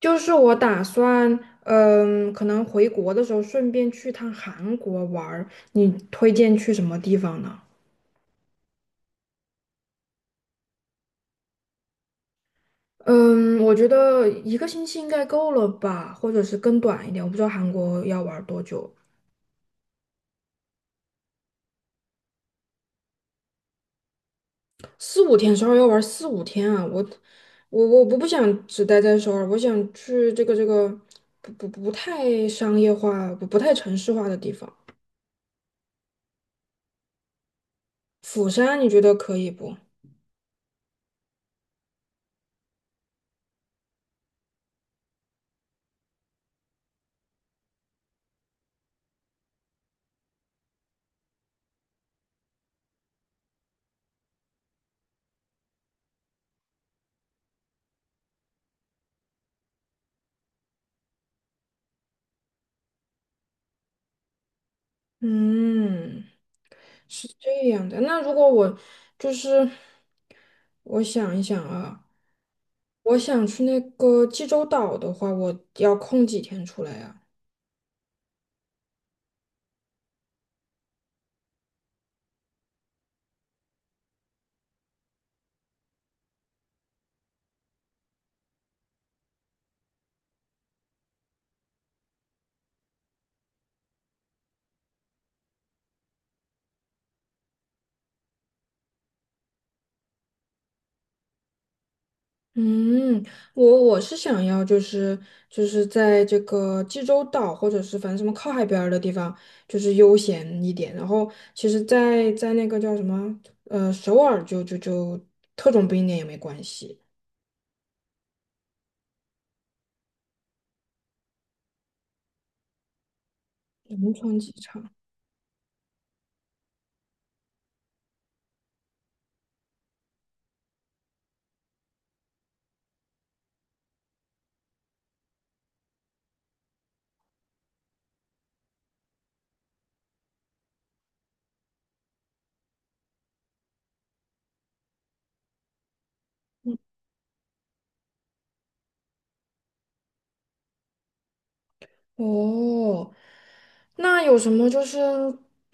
就是我打算，可能回国的时候顺便去趟韩国玩儿。你推荐去什么地方呢？嗯，我觉得一个星期应该够了吧，或者是更短一点。我不知道韩国要玩儿多久。四五天，首尔要玩儿四五天啊！我不想只待在首尔，我想去这个不太商业化、不太城市化的地方。釜山你觉得可以不？嗯。是这样的。那如果我就是我想一想啊，我想去那个济州岛的话，我要空几天出来啊？嗯，我是想要就是在这个济州岛或者是反正什么靠海边儿的地方，就是悠闲一点。然后其实在那个叫什么首尔就特种兵一点也没关系。仁川机场。哦，那有什么就是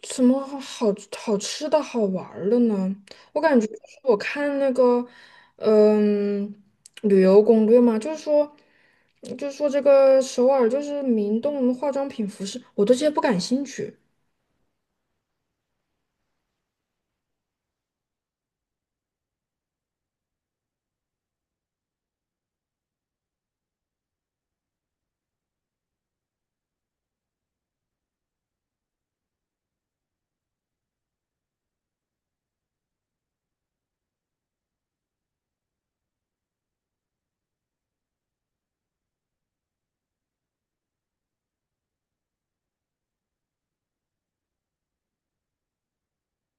什么好吃的好玩儿的呢？我感觉就是我看那个，嗯，旅游攻略嘛。就是说这个首尔就是明洞化妆品、服饰，我对这些不感兴趣。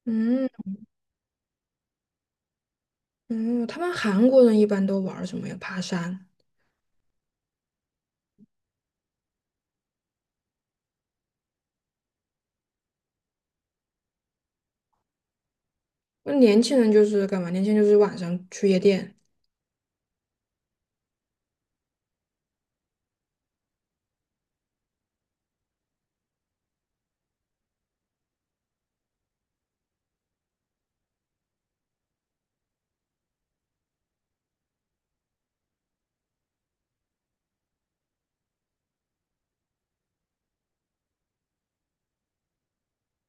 嗯嗯，他们韩国人一般都玩儿什么呀？爬山。那年轻人就是干嘛？年轻人就是晚上去夜店。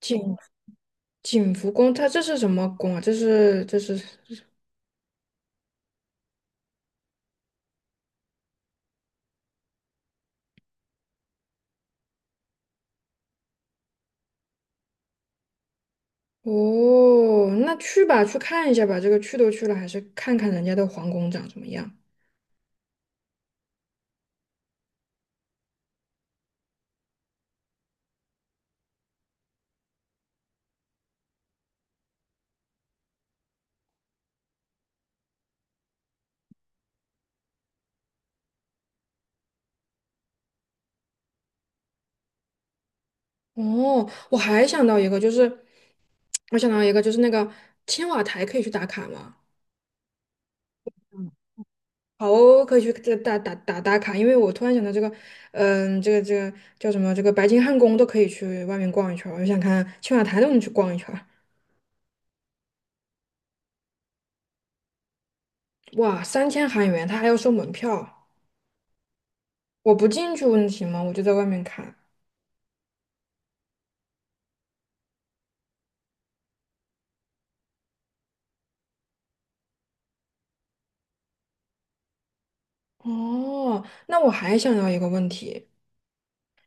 景景福宫，它这是什么宫啊？这是。哦，那去吧，去看一下吧。这个去都去了，还是看看人家的皇宫长什么样。哦，我还想到一个，就是我想到一个，就是那个青瓦台可以去打卡吗？好哦，可以去这打卡，因为我突然想到这个。这个叫什么？这个白金汉宫都可以去外面逛一圈儿，我就想看青瓦台都能去逛一圈儿。哇，3000韩元，他还要收门票。我不进去问题吗？我就在外面看。哦，那我还想到一个问题。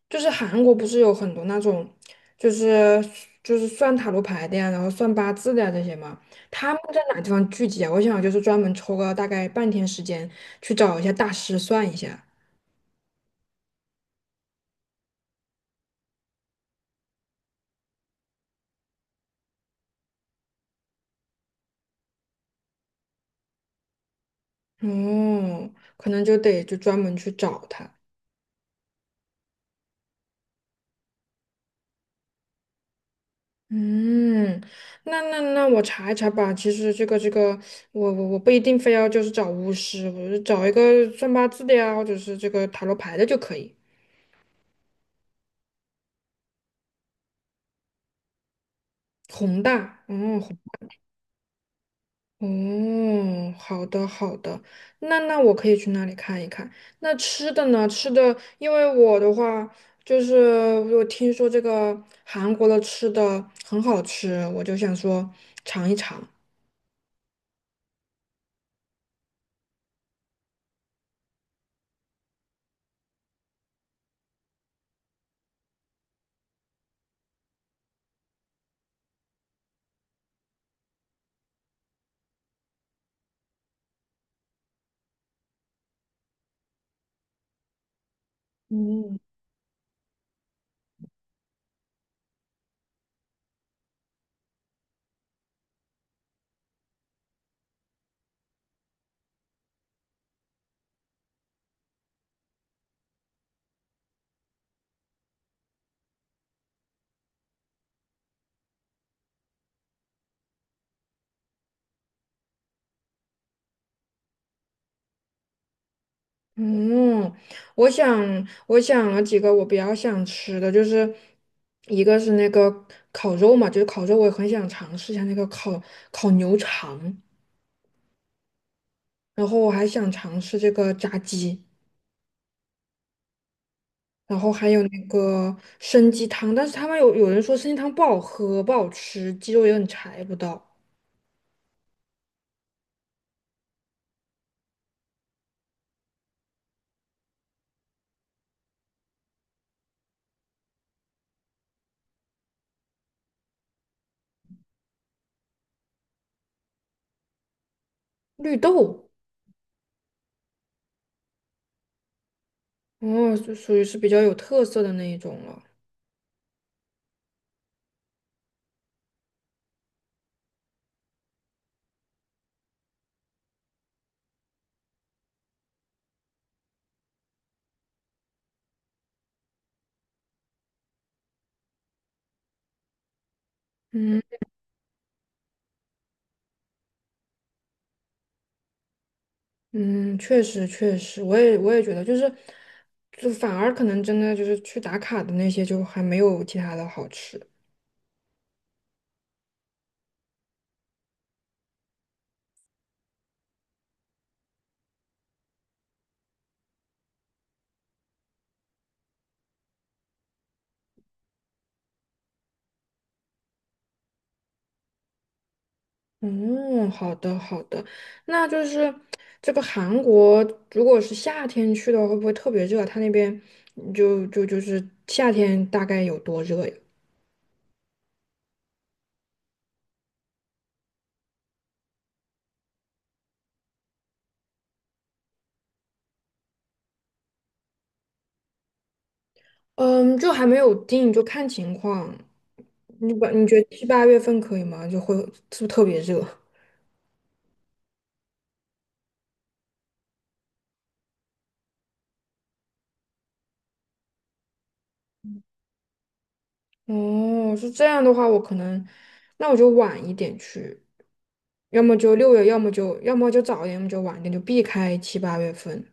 就是韩国不是有很多那种，就是就是算塔罗牌的呀，然后算八字的呀这些嘛，他们在哪地方聚集啊？我想就是专门抽个大概半天时间去找一下大师算一下。哦，可能就得就专门去找他。嗯，那我查一查吧。其实这个，我不一定非要就是找巫师，我就找一个算八字的呀，或者是这个塔罗牌的就可以。宏大，嗯。哦，好的好的，那我可以去那里看一看。那吃的呢？吃的，因为我的话，就是我听说这个韩国的吃的很好吃，我就想说尝一尝。嗯，嗯，我想我想了几个我比较想吃的，就是一个是那个烤肉嘛，就是烤肉我也很想尝试一下那个烤牛肠。然后我还想尝试这个炸鸡。然后还有那个参鸡汤，但是他们有人说参鸡汤不好喝、不好吃，鸡肉也很柴不到。绿豆，哦，就属于是比较有特色的那一种了。嗯嗯，确实确实，我也觉得，就是就反而可能真的就是去打卡的那些，就还没有其他的好吃。嗯，好的好的，那就是这个韩国，如果是夏天去的话，会不会特别热？他那边就是夏天大概有多热呀？嗯，就还没有定，就看情况。你觉得七八月份可以吗？就会是不是特别热？哦，是这样的话，我可能那我就晚一点去，要么就六月，要么就早一点，要么就晚一点，就避开七八月份。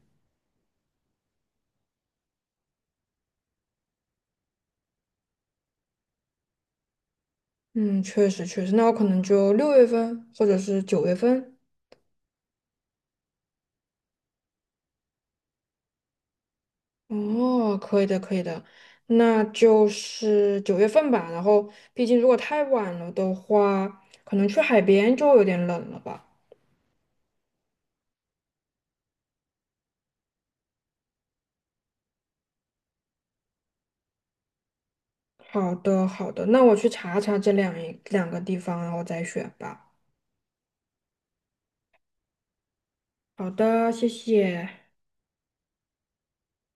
嗯，确实确实，那我可能就6月份或者是九月份。哦，可以的可以的，那就是九月份吧。然后，毕竟如果太晚了的话，可能去海边就有点冷了吧。好的，好的，那我去查查这一两个地方，然后再选吧。好的，谢谢。